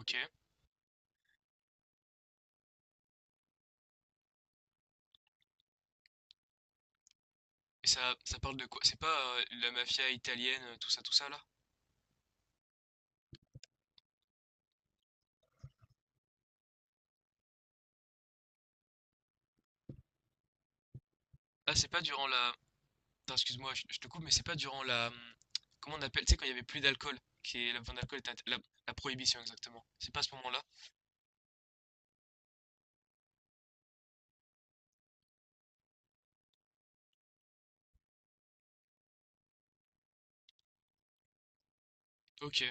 Ok. Et ça parle de quoi? C'est pas la mafia italienne, tout ça là? Ah, c'est pas durant la. Attends, excuse-moi, je te coupe, mais c'est pas durant la. Comment on appelle? Tu sais, quand il y avait plus d'alcool, qui est la vente d'alcool, était la prohibition exactement. C'est pas à ce moment-là? Ok,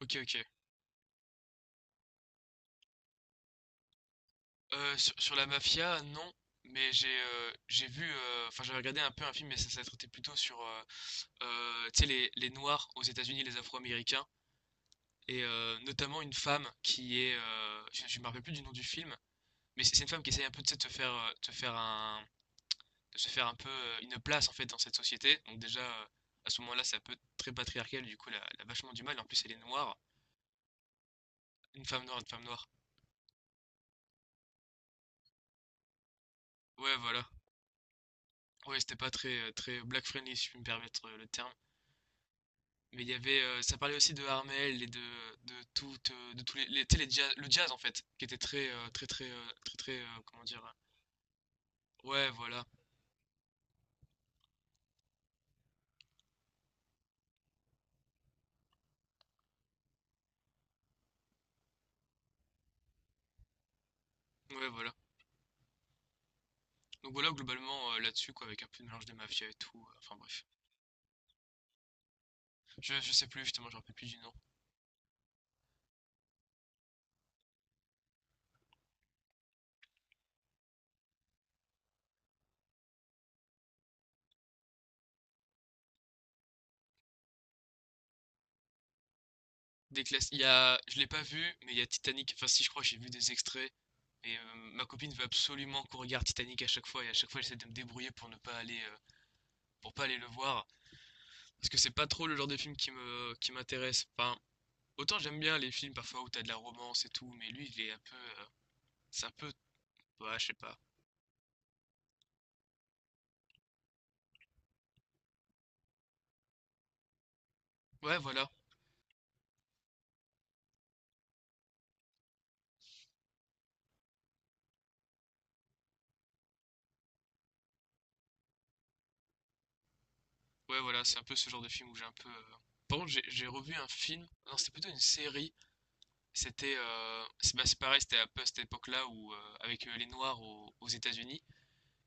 ok, ok. Sur la mafia, non. Mais j'ai vu, enfin j'avais regardé un peu un film, mais ça traitait plutôt sur, tu sais, les Noirs aux États-Unis, les Afro-Américains. Et notamment une femme qui est, je me rappelle plus du nom du film, mais c'est une femme qui essaye un peu tu sais, de se faire un peu une place en fait dans cette société. Donc déjà à ce moment-là, c'est un peu très patriarcal, du coup, elle a vachement du mal. En plus, elle est noire, une femme noire, une femme noire. Ouais, voilà. Ouais, c'était pas très très black friendly si je puis me permettre le terme. Mais il y avait, ça parlait aussi de Harmel et de de tous les, tu sais, le jazz en fait, qui était très très très très très comment dire. Ouais, voilà. Ouais, voilà. Donc voilà, globalement, là-dessus, quoi, avec un peu de mélange des mafias et tout. Enfin bref. Je sais plus, justement, je me rappelle plus du nom. Des classes. Il y a. Je l'ai pas vu, mais il y a Titanic. Enfin, si, je crois, j'ai vu des extraits. Et ma copine veut absolument qu'on regarde Titanic à chaque fois. Et à chaque fois, j'essaie de me débrouiller pour ne pas aller. Pour pas aller le voir. Parce que c'est pas trop le genre de film qui m'intéresse. Enfin, autant j'aime bien les films parfois où t'as de la romance et tout. Mais lui, il est un peu. C'est un peu. Ouais, je sais pas. Ouais, voilà. Ouais, voilà. C'est un peu ce genre de film où j'ai un peu. Par contre, j'ai revu un film. Non, c'était plutôt une série. C'était c'est bah, c'est pareil, c'était un peu à cette époque-là où avec les Noirs aux États-Unis.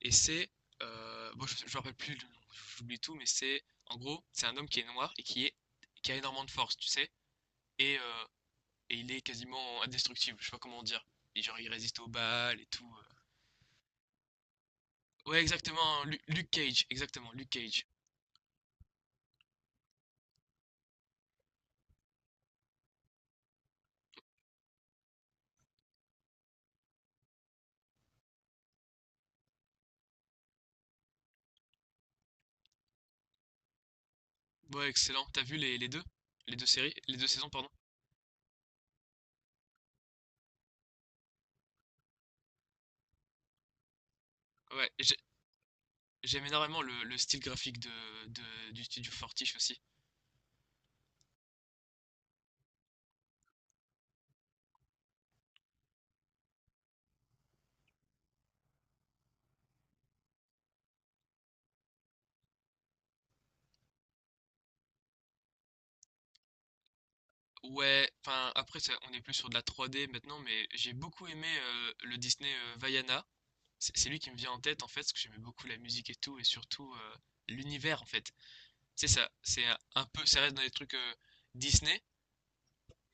Et c'est bon, je me rappelle plus, le nom, j'oublie tout, mais c'est en gros c'est un homme qui est noir et qui a énormément de force, tu sais, et, euh, et il est quasiment indestructible. Je sais pas comment dire. Et genre il résiste aux balles et tout. Ouais, exactement. Luke Cage, exactement. Luke Cage. Ouais, excellent. T'as vu les deux? Les deux séries? Les deux saisons, pardon? Ouais, et j'aime énormément le style graphique du studio Fortiche aussi. Ouais, enfin après ça, on est plus sur de la 3D maintenant, mais j'ai beaucoup aimé le Disney Vaiana. C'est lui qui me vient en tête en fait, parce que j'aimais beaucoup la musique et tout, et surtout l'univers en fait. C'est ça, c'est un peu, ça reste dans les trucs Disney,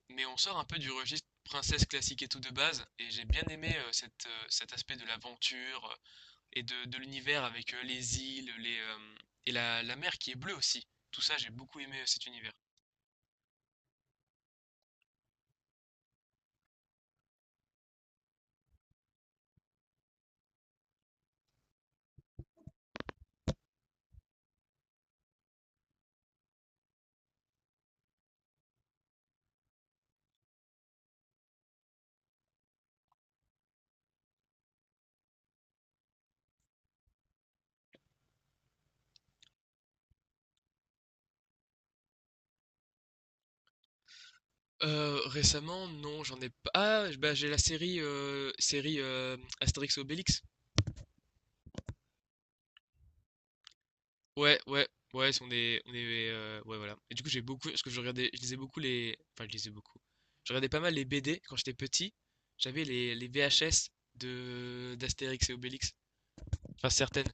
mais on sort un peu du registre princesse classique et tout de base, et j'ai bien aimé cet aspect de l'aventure et de l'univers avec les îles, et la mer qui est bleue aussi. Tout ça, j'ai beaucoup aimé cet univers. Récemment, non, j'en ai pas ah, bah, j'ai la série, Astérix et Obélix. Ouais, ouais, ouais, si on est, ouais, voilà et du coup, j'ai beaucoup parce que je lisais beaucoup les enfin, je lisais beaucoup. Je regardais pas mal les BD quand j'étais petit. J'avais les VHS de d'Astérix et Obélix, enfin certaines.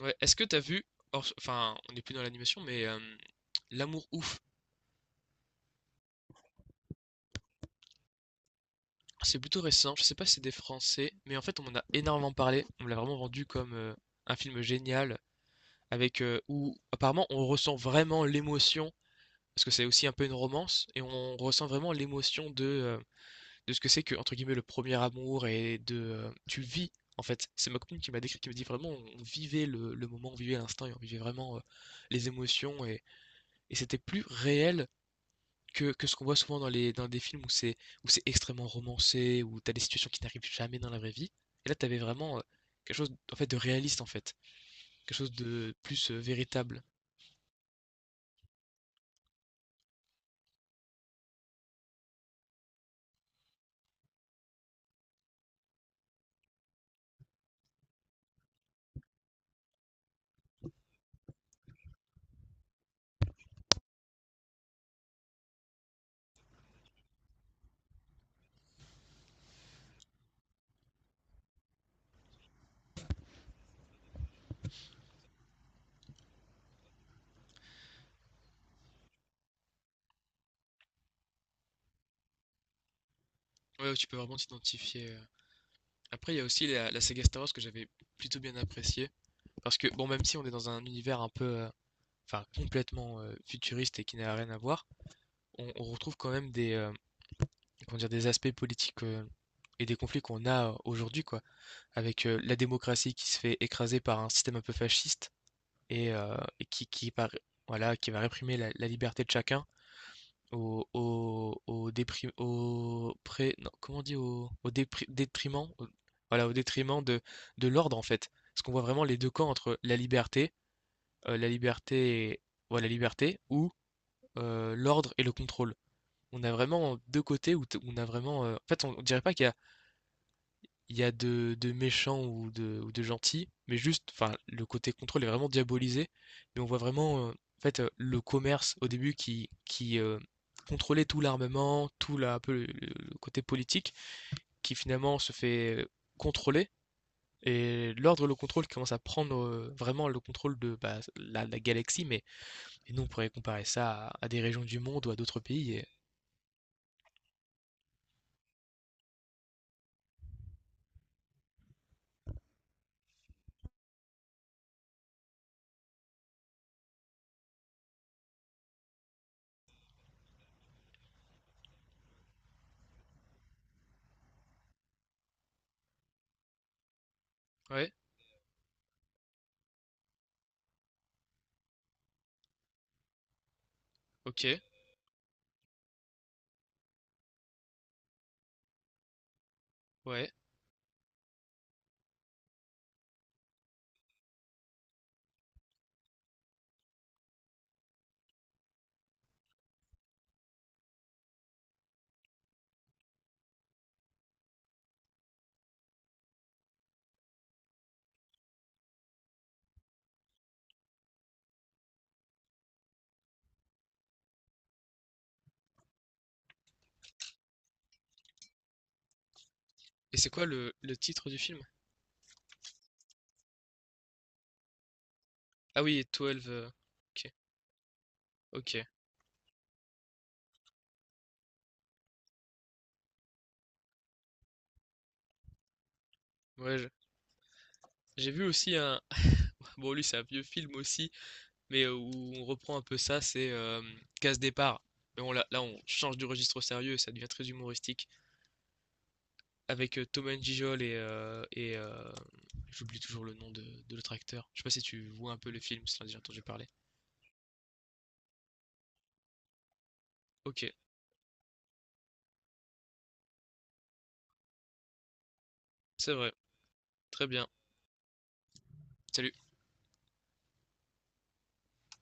Ouais. Est-ce que t'as vu, enfin, on n'est plus dans l'animation, mais L'amour ouf, c'est plutôt récent. Je sais pas si c'est des Français, mais en fait, on en a énormément parlé. On me l'a vraiment vendu comme un film génial, avec où apparemment on ressent vraiment l'émotion, parce que c'est aussi un peu une romance, et on ressent vraiment l'émotion de ce que c'est que entre guillemets le premier amour et de tu vis. En fait, c'est ma copine qui m'a décrit, qui me dit vraiment, on vivait le moment, on vivait l'instant, et on vivait vraiment les émotions, et c'était plus réel que ce qu'on voit souvent dans dans des films où c'est extrêmement romancé, où t'as des situations qui n'arrivent jamais dans la vraie vie. Et là, t'avais vraiment quelque chose en fait de réaliste en fait, quelque chose de plus véritable. Ouais, tu peux vraiment t'identifier. Après, il y a aussi la saga Star Wars que j'avais plutôt bien appréciée. Parce que, bon, même si on est dans un univers un peu, enfin, complètement futuriste et qui n'a rien à voir, on retrouve quand même comment dire, des aspects politiques et des conflits qu'on a aujourd'hui, quoi, avec la démocratie qui se fait écraser par un système un peu fasciste et qui voilà, qui va réprimer la liberté de chacun au, au, au, déprim- au pré- non, comment on dit, détriment, voilà, au détriment de l'ordre, en fait. Parce qu'on voit vraiment les deux camps entre la liberté, ouais, la liberté ou l'ordre et le contrôle. On a vraiment deux côtés où on a vraiment. En fait, on dirait pas qu'il y a de méchants ou de gentils, mais juste, enfin, le côté contrôle est vraiment diabolisé. Mais on voit vraiment, en fait, le commerce au début qui contrôlait tout l'armement, tout un peu le côté politique, qui finalement se fait contrôler. Et l'ordre, le contrôle qui commence à prendre vraiment le contrôle de bah, la galaxie, mais et nous on pourrait comparer ça à des régions du monde ou à d'autres pays. Ouais, ok, ouais. Et c'est quoi le titre du film? Ah oui, 12. Ok, ok. Ouais, j'ai vu aussi un. Bon, lui, c'est un vieux film aussi, mais où on reprend un peu ça, c'est Casse Départ. Mais on change du registre au sérieux, ça devient très humoristique. Avec Thomas Gijol et j'oublie toujours le nom de l'autre acteur. Je sais pas si tu vois un peu le film, si t'en as déjà entendu parler. Ok, c'est vrai. Très bien. Salut.